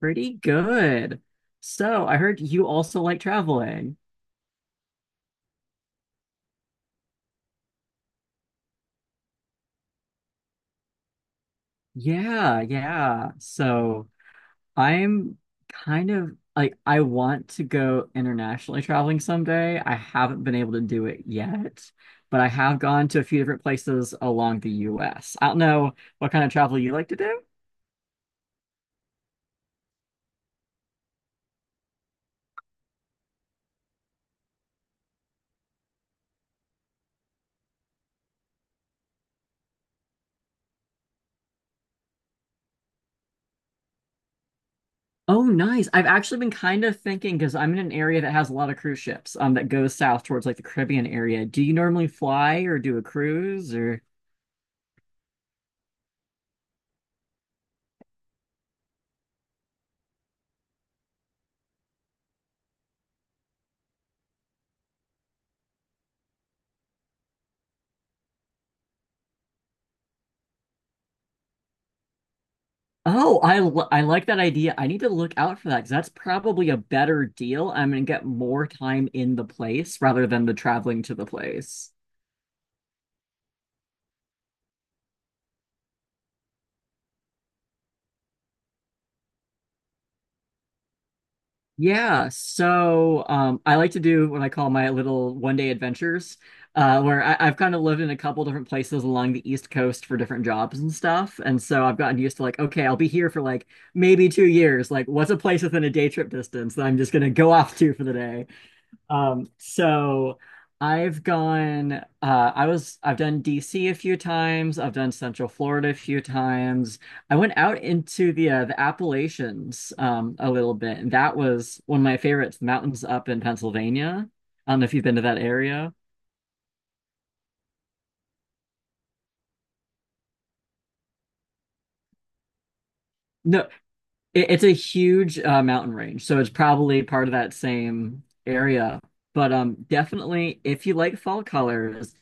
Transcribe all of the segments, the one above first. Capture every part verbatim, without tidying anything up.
Pretty good. So I heard you also like traveling. Yeah, yeah. So I'm kind of like I want to go internationally traveling someday. I haven't been able to do it yet, but I have gone to a few different places along the U S. I don't know what kind of travel you like to do. Oh, nice. I've actually been kind of thinking because I'm in an area that has a lot of cruise ships um that goes south towards like the Caribbean area. Do you normally fly or do a cruise or… Oh, I li- I like that idea. I need to look out for that because that's probably a better deal. I'm gonna get more time in the place rather than the traveling to the place. Yeah, so um, I like to do what I call my little one day adventures, uh, where I, I've kind of lived in a couple different places along the East Coast for different jobs and stuff. And so I've gotten used to like, okay, I'll be here for like maybe two years. Like, what's a place within a day trip distance that I'm just gonna go off to for the day? Um, so I've gone, uh, I was, I've done D C a few times. I've done Central Florida a few times. I went out into the uh, the Appalachians um, a little bit, and that was one of my favorites, the mountains up in Pennsylvania. I don't know if you've been to that area. No. It, it's a huge uh, mountain range, so it's probably part of that same area. But um, definitely, if you like fall colors,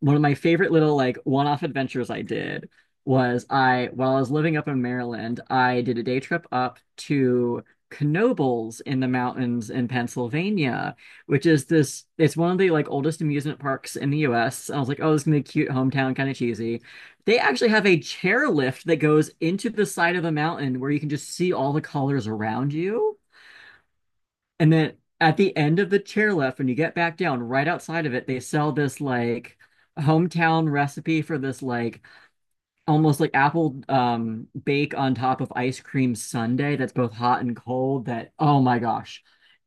one of my favorite little like one-off adventures I did was I, while I was living up in Maryland, I did a day trip up to Knoebels in the mountains in Pennsylvania, which is this, it's one of the like oldest amusement parks in the U S. And I was like, oh, this is gonna be cute hometown, kind of cheesy. They actually have a chairlift that goes into the side of a mountain where you can just see all the colors around you. And then at the end of the chairlift, when you get back down, right outside of it, they sell this like hometown recipe for this like almost like apple um bake on top of ice cream sundae that's both hot and cold that oh my gosh.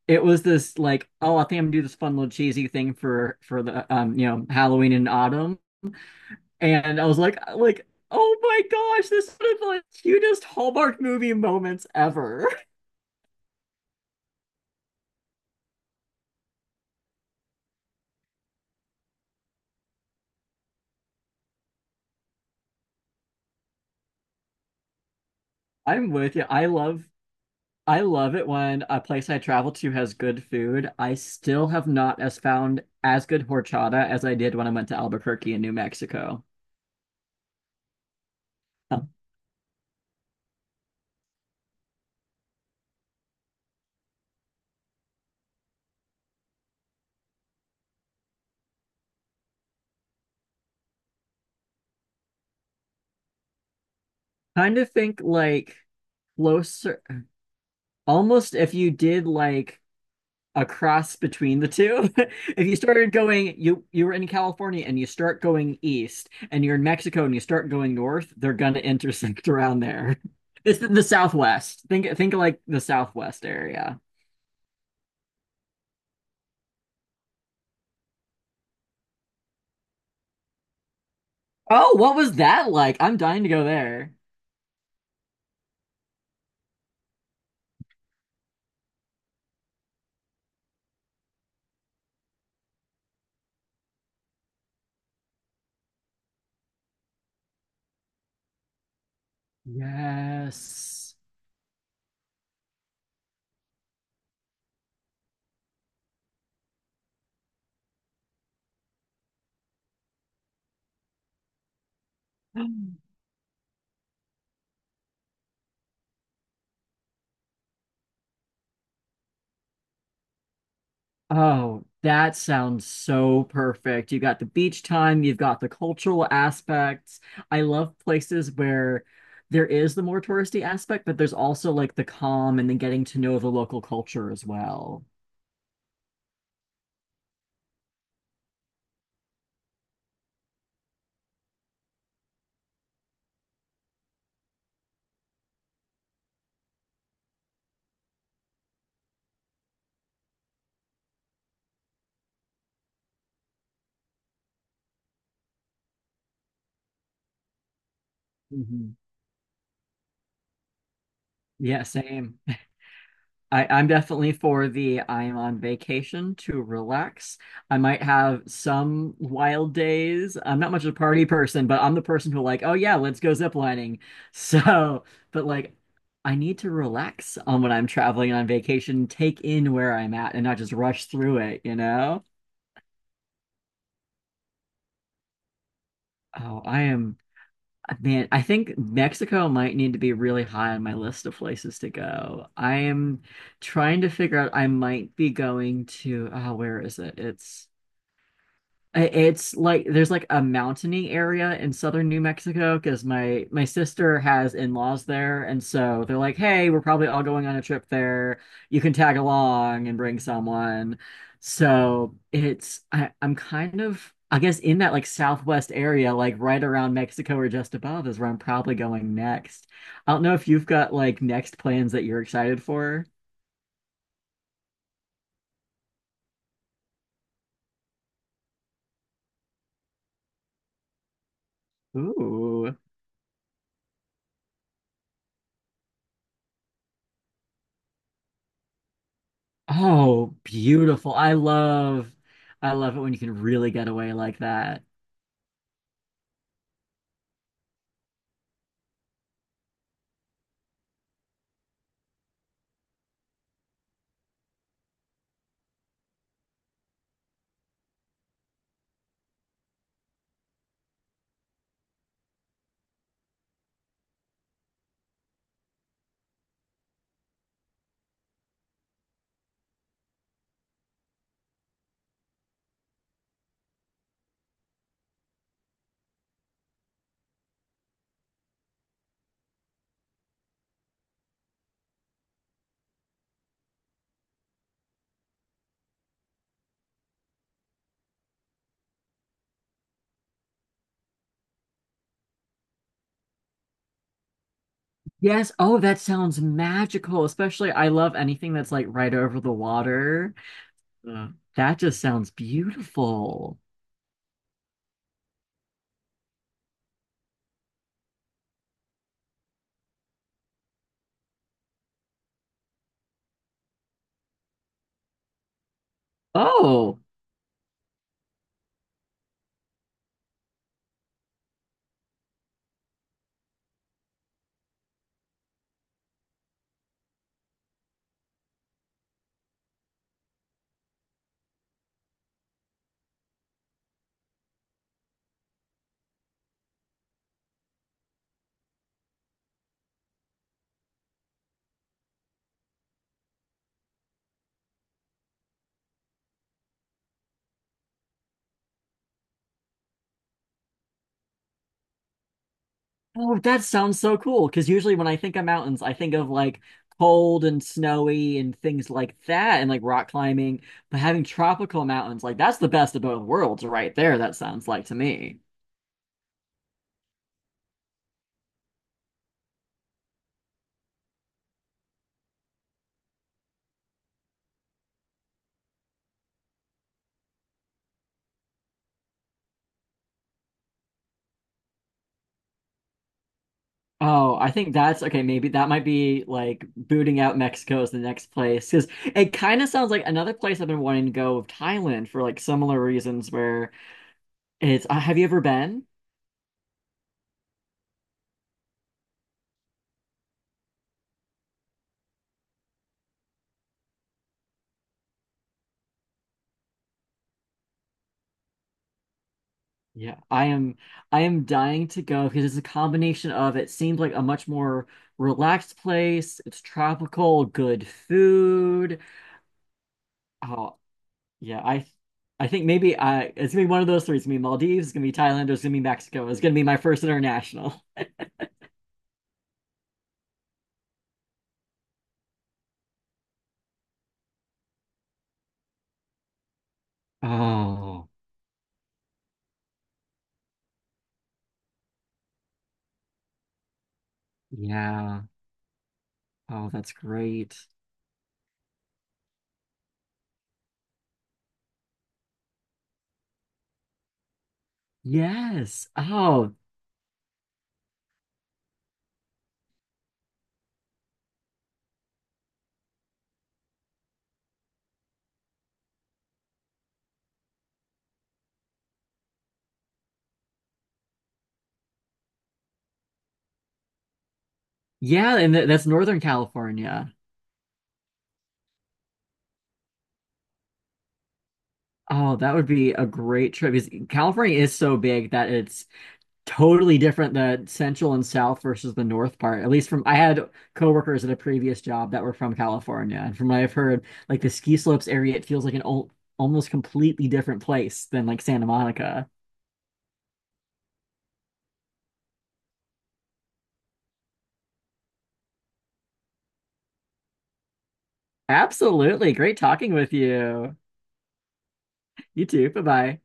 It was this like, oh, I think I'm gonna do this fun little cheesy thing for for the um, you know, Halloween and autumn. And I was like, like, oh my gosh, this is one of the cutest Hallmark movie moments ever. I'm with you. I love… I love it when a place I travel to has good food. I still have not as found as good horchata as I did when I went to Albuquerque in New Mexico. Um, kind of think like closer almost if you did like a cross between the two. If you started going, you you were in California and you start going east, and you're in Mexico and you start going north, they're gonna intersect around there. It's the, the Southwest. Think think like the Southwest area. Oh, what was that like? I'm dying to go there. Yes. Oh, that sounds so perfect. You got the beach time, you've got the cultural aspects. I love places where there is the more touristy aspect, but there's also like the calm and the getting to know the local culture as well. Hmm. Yeah, same. I, I'm definitely for the… I'm on vacation to relax. I might have some wild days. I'm not much of a party person, but I'm the person who like, oh yeah, let's go ziplining. So, but like I need to relax on when I'm traveling on vacation, take in where I'm at and not just rush through it, you know? Oh, I am… man, I think Mexico might need to be really high on my list of places to go. I am trying to figure out… I might be going to… oh, where is it? It's… it's like there's like a mountainy area in southern New Mexico because my my sister has in-laws there, and so they're like, "Hey, we're probably all going on a trip there. You can tag along and bring someone." So it's… I, I'm kind of I guess in that like southwest area, like right around Mexico or just above is where I'm probably going next. I don't know if you've got like next plans that you're excited for. Ooh. Oh, beautiful. I love… I love it when you can really get away like that. Yes. Oh, that sounds magical. Especially I love anything that's like right over the water. Uh, that just sounds beautiful. Oh. Oh, that sounds so cool. Because usually when I think of mountains, I think of like cold and snowy and things like that and like rock climbing. But having tropical mountains, like that's the best of both worlds right there, that sounds like to me. Oh, I think that's okay. Maybe that might be like booting out Mexico as the next place because it kind of sounds like another place I've been wanting to go of Thailand for like similar reasons. Where it's uh, have you ever been? Yeah, I am. I am dying to go because it's a combination of it seems like a much more relaxed place. It's tropical, good food. Oh, yeah. I, I think maybe I it's gonna be one of those three. It's gonna be Maldives. It's gonna be Thailand. Or it's gonna be Mexico. It's gonna be my first international. Oh. Yeah. Oh, that's great. Yes. Oh, yeah. And th that's Northern California. Oh, that would be a great trip because California is so big that it's totally different the central and south versus the north part. At least from… I had coworkers at a previous job that were from California, and from what I've heard, like the ski slopes area, it feels like an old, almost completely different place than like Santa Monica. Absolutely. Great talking with you. You too. Bye-bye.